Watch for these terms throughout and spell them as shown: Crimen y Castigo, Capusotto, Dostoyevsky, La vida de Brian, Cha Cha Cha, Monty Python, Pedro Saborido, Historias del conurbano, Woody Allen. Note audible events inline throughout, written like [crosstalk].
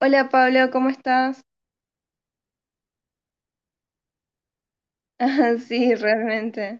Hola Pablo, ¿cómo estás? [laughs] Sí, realmente.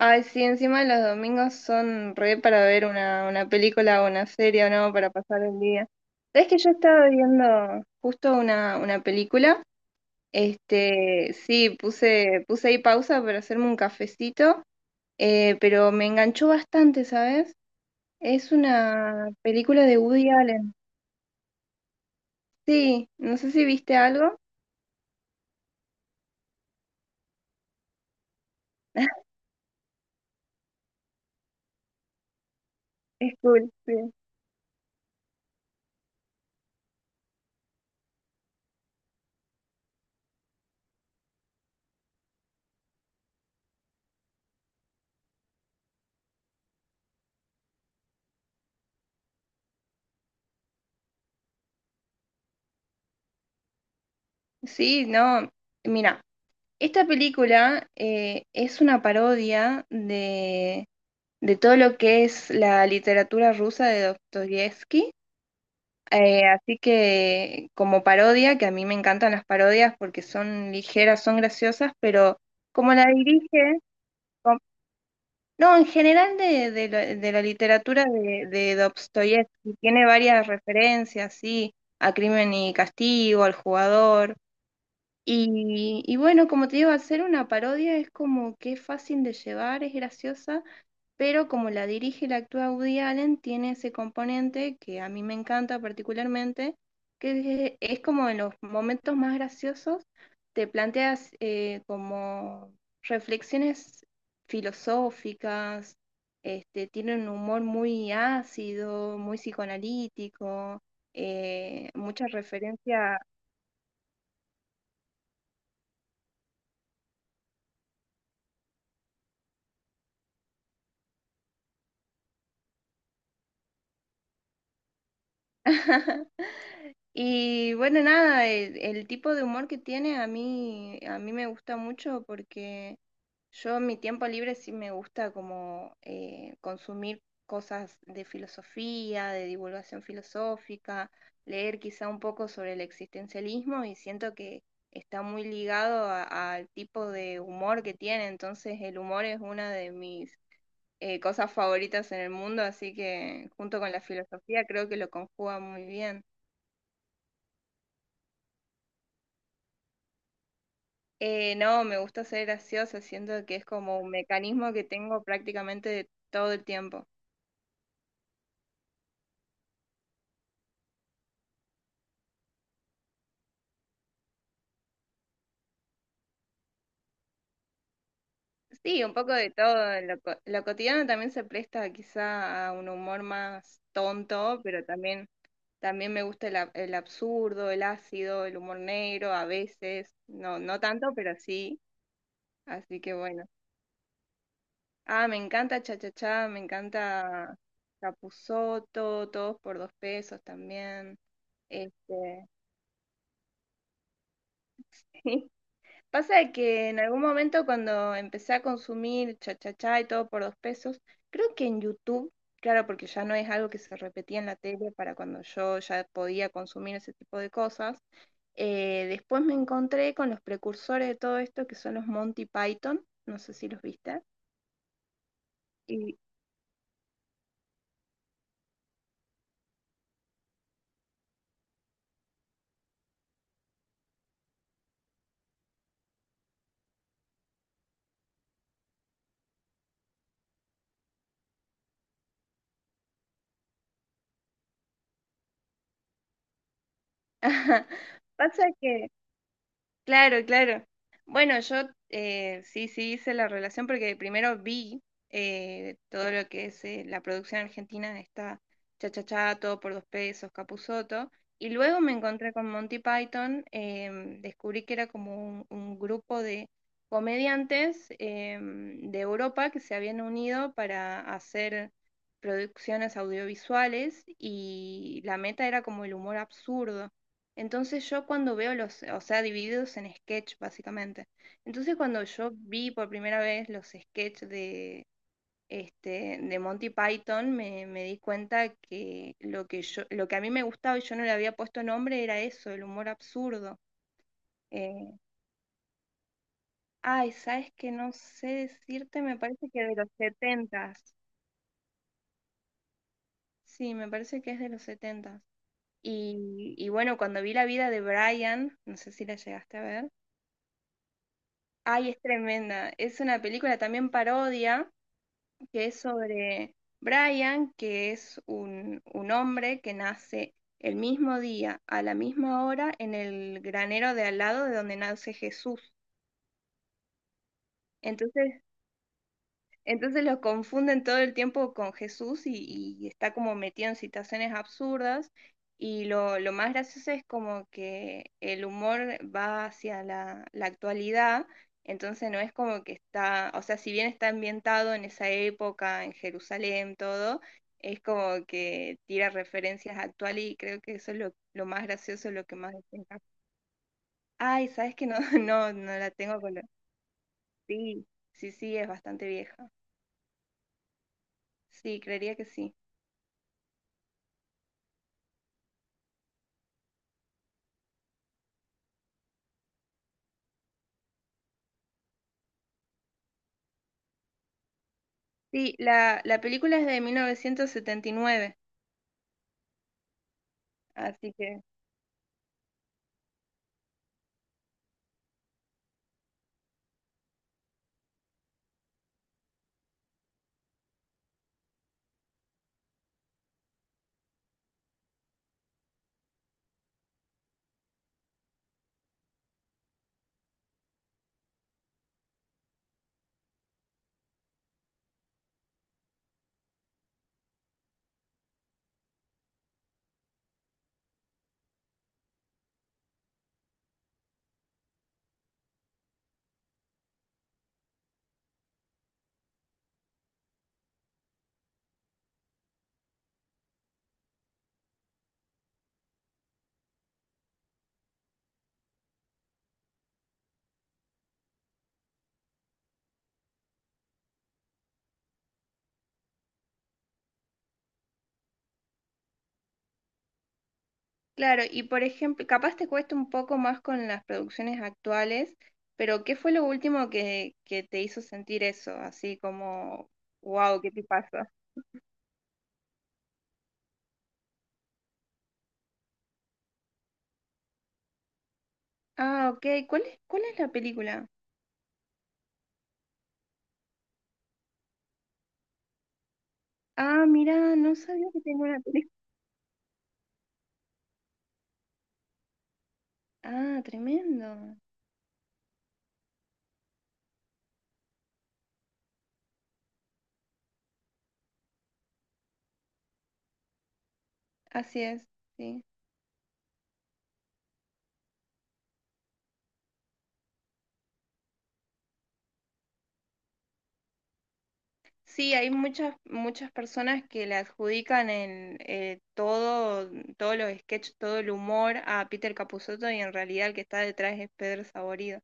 Ay, sí, encima los domingos son re para ver una película o una serie o no, para pasar el día. ¿Sabes que yo estaba viendo justo una película? Puse ahí pausa para hacerme un cafecito, pero me enganchó bastante, ¿sabes? Es una película de Woody Allen. Sí, no sé si viste algo. [laughs] Es cool, sí. Sí, no, mira. Esta película es una parodia de todo lo que es la literatura rusa de Dostoyevsky. Así que como parodia, que a mí me encantan las parodias porque son ligeras, son graciosas, pero como la dirige, com- no, en general de la literatura de Dostoyevsky, tiene varias referencias, sí, a Crimen y Castigo, al jugador. Y bueno, como te digo, hacer una parodia es como que es fácil de llevar, es graciosa, pero como la dirige y la actúa Woody Allen, tiene ese componente que a mí me encanta particularmente, es como en los momentos más graciosos te planteas como reflexiones filosóficas, este, tiene un humor muy ácido, muy psicoanalítico, muchas referencias. [laughs] Y bueno, nada, El tipo de humor que tiene a mí me gusta mucho porque yo en mi tiempo libre sí me gusta como consumir cosas de filosofía, de divulgación filosófica, leer quizá un poco sobre el existencialismo y siento que está muy ligado al tipo de humor que tiene, entonces el humor es una de mis cosas favoritas en el mundo, así que junto con la filosofía creo que lo conjuga muy bien. No, me gusta ser graciosa, siento que es como un mecanismo que tengo prácticamente de todo el tiempo. Sí, un poco de todo. Lo cotidiano también se presta quizá a un humor más tonto, pero también, también me gusta el, el absurdo, el ácido, el humor negro a veces. No, no tanto, pero sí. Así que bueno. Ah, me encanta Cha Cha Cha, me encanta Capusotto, todos por dos pesos también. Este, [laughs] pasa de que en algún momento cuando empecé a consumir Cha Cha Cha y todo por dos pesos, creo que en YouTube, claro, porque ya no es algo que se repetía en la tele para cuando yo ya podía consumir ese tipo de cosas, después me encontré con los precursores de todo esto que son los Monty Python, no sé si los viste. Y [laughs] pasa que claro, claro. Bueno, yo sí, sí hice la relación porque primero vi todo lo que es la producción argentina de esta Cha Todo por dos pesos, Capusotto, y luego me encontré con Monty Python, descubrí que era como un grupo de comediantes de Europa que se habían unido para hacer producciones audiovisuales y la meta era como el humor absurdo. Entonces yo cuando veo los, o sea, divididos en sketch básicamente. Entonces cuando yo vi por primera vez los sketch este, de Monty Python, me di cuenta que lo que a mí me gustaba y yo no le había puesto nombre era eso, el humor absurdo. Eh, Ay, sabes que no sé decirte, me parece que de los setentas. Sí, me parece que es de los setentas. Y bueno, cuando vi la vida de Brian, no sé si la llegaste a ver. Ay, es tremenda. Es una película también parodia que es sobre Brian, que es un hombre que nace el mismo día, a la misma hora, en el granero de al lado de donde nace Jesús. Entonces Entonces los confunden todo el tiempo con Jesús y está como metido en situaciones absurdas. Lo más gracioso es como que el humor va hacia la actualidad, entonces no es como que está, o sea, si bien está ambientado en esa época, en Jerusalén, todo, es como que tira referencias actuales y creo que eso es lo más gracioso, lo que más destaca. Ay, sabes que no, [laughs] no, no la tengo con sí, sí, sí, es bastante vieja. Sí, creería que sí. Sí, la película es de 1979, así que, claro, y por ejemplo, capaz te cuesta un poco más con las producciones actuales, pero ¿qué fue lo último que te hizo sentir eso? Así como, wow, ¿qué te pasa? Ah, ok, cuál es la película? Ah, mira, no sabía que tenía una película. Ah, tremendo. Así es, sí. Sí, hay muchas, muchas personas que le adjudican en todo, todos los sketches, todo el humor a Peter Capusotto y en realidad el que está detrás es Pedro Saborido.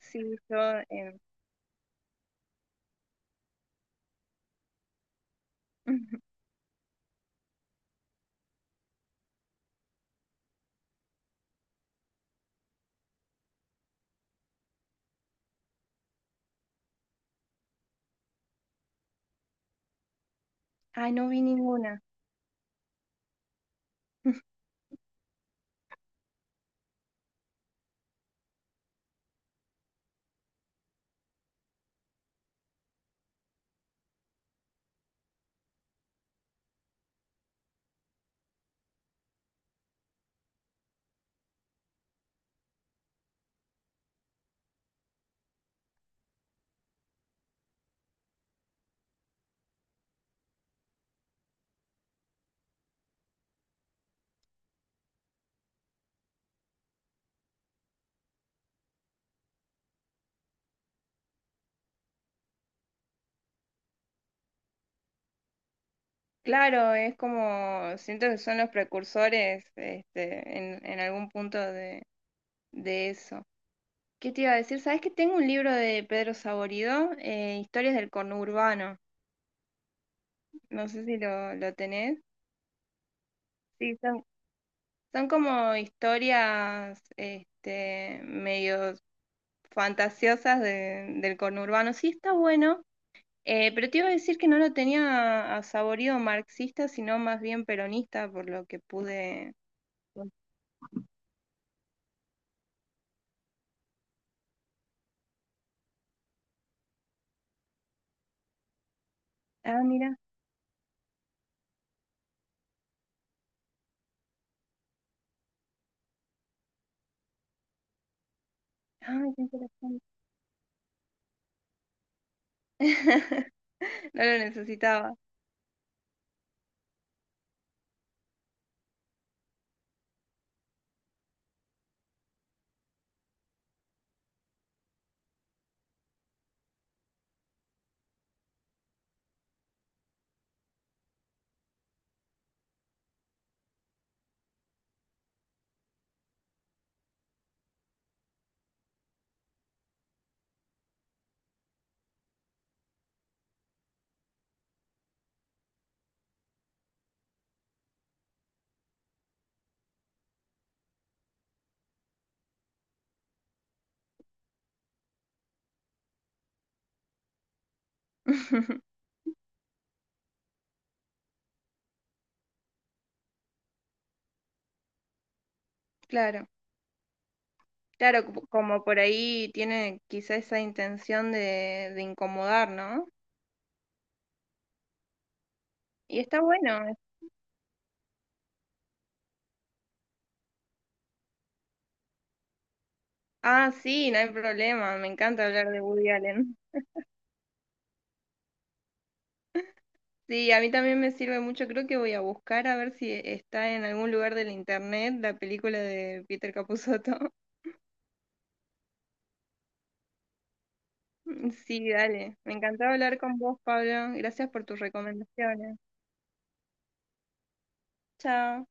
Sí, yo... [laughs] Ay, no vi ninguna. [laughs] Claro, es como, siento que son los precursores este, en algún punto de eso. ¿Qué te iba a decir? ¿Sabes que tengo un libro de Pedro Saborido, Historias del conurbano? No sé si lo tenés. Sí, son son como historias este, medio fantasiosas del conurbano. Sí, está bueno, pero te iba a decir que no lo tenía a saborido marxista, sino más bien peronista, por lo que pude. Ah, mira. Ay, qué interesante. [laughs] No lo necesitaba. [laughs] Claro, claro, como como por ahí tiene quizá esa intención de incomodar, ¿no? Y está bueno. Ah, sí, no hay problema. Me encanta hablar de Woody Allen. Sí, a mí también me sirve mucho. Creo que voy a buscar a ver si está en algún lugar del internet la película de Peter Capusotto. [laughs] Sí, dale. Me encantó hablar con vos, Pablo. Gracias por tus recomendaciones. Chao.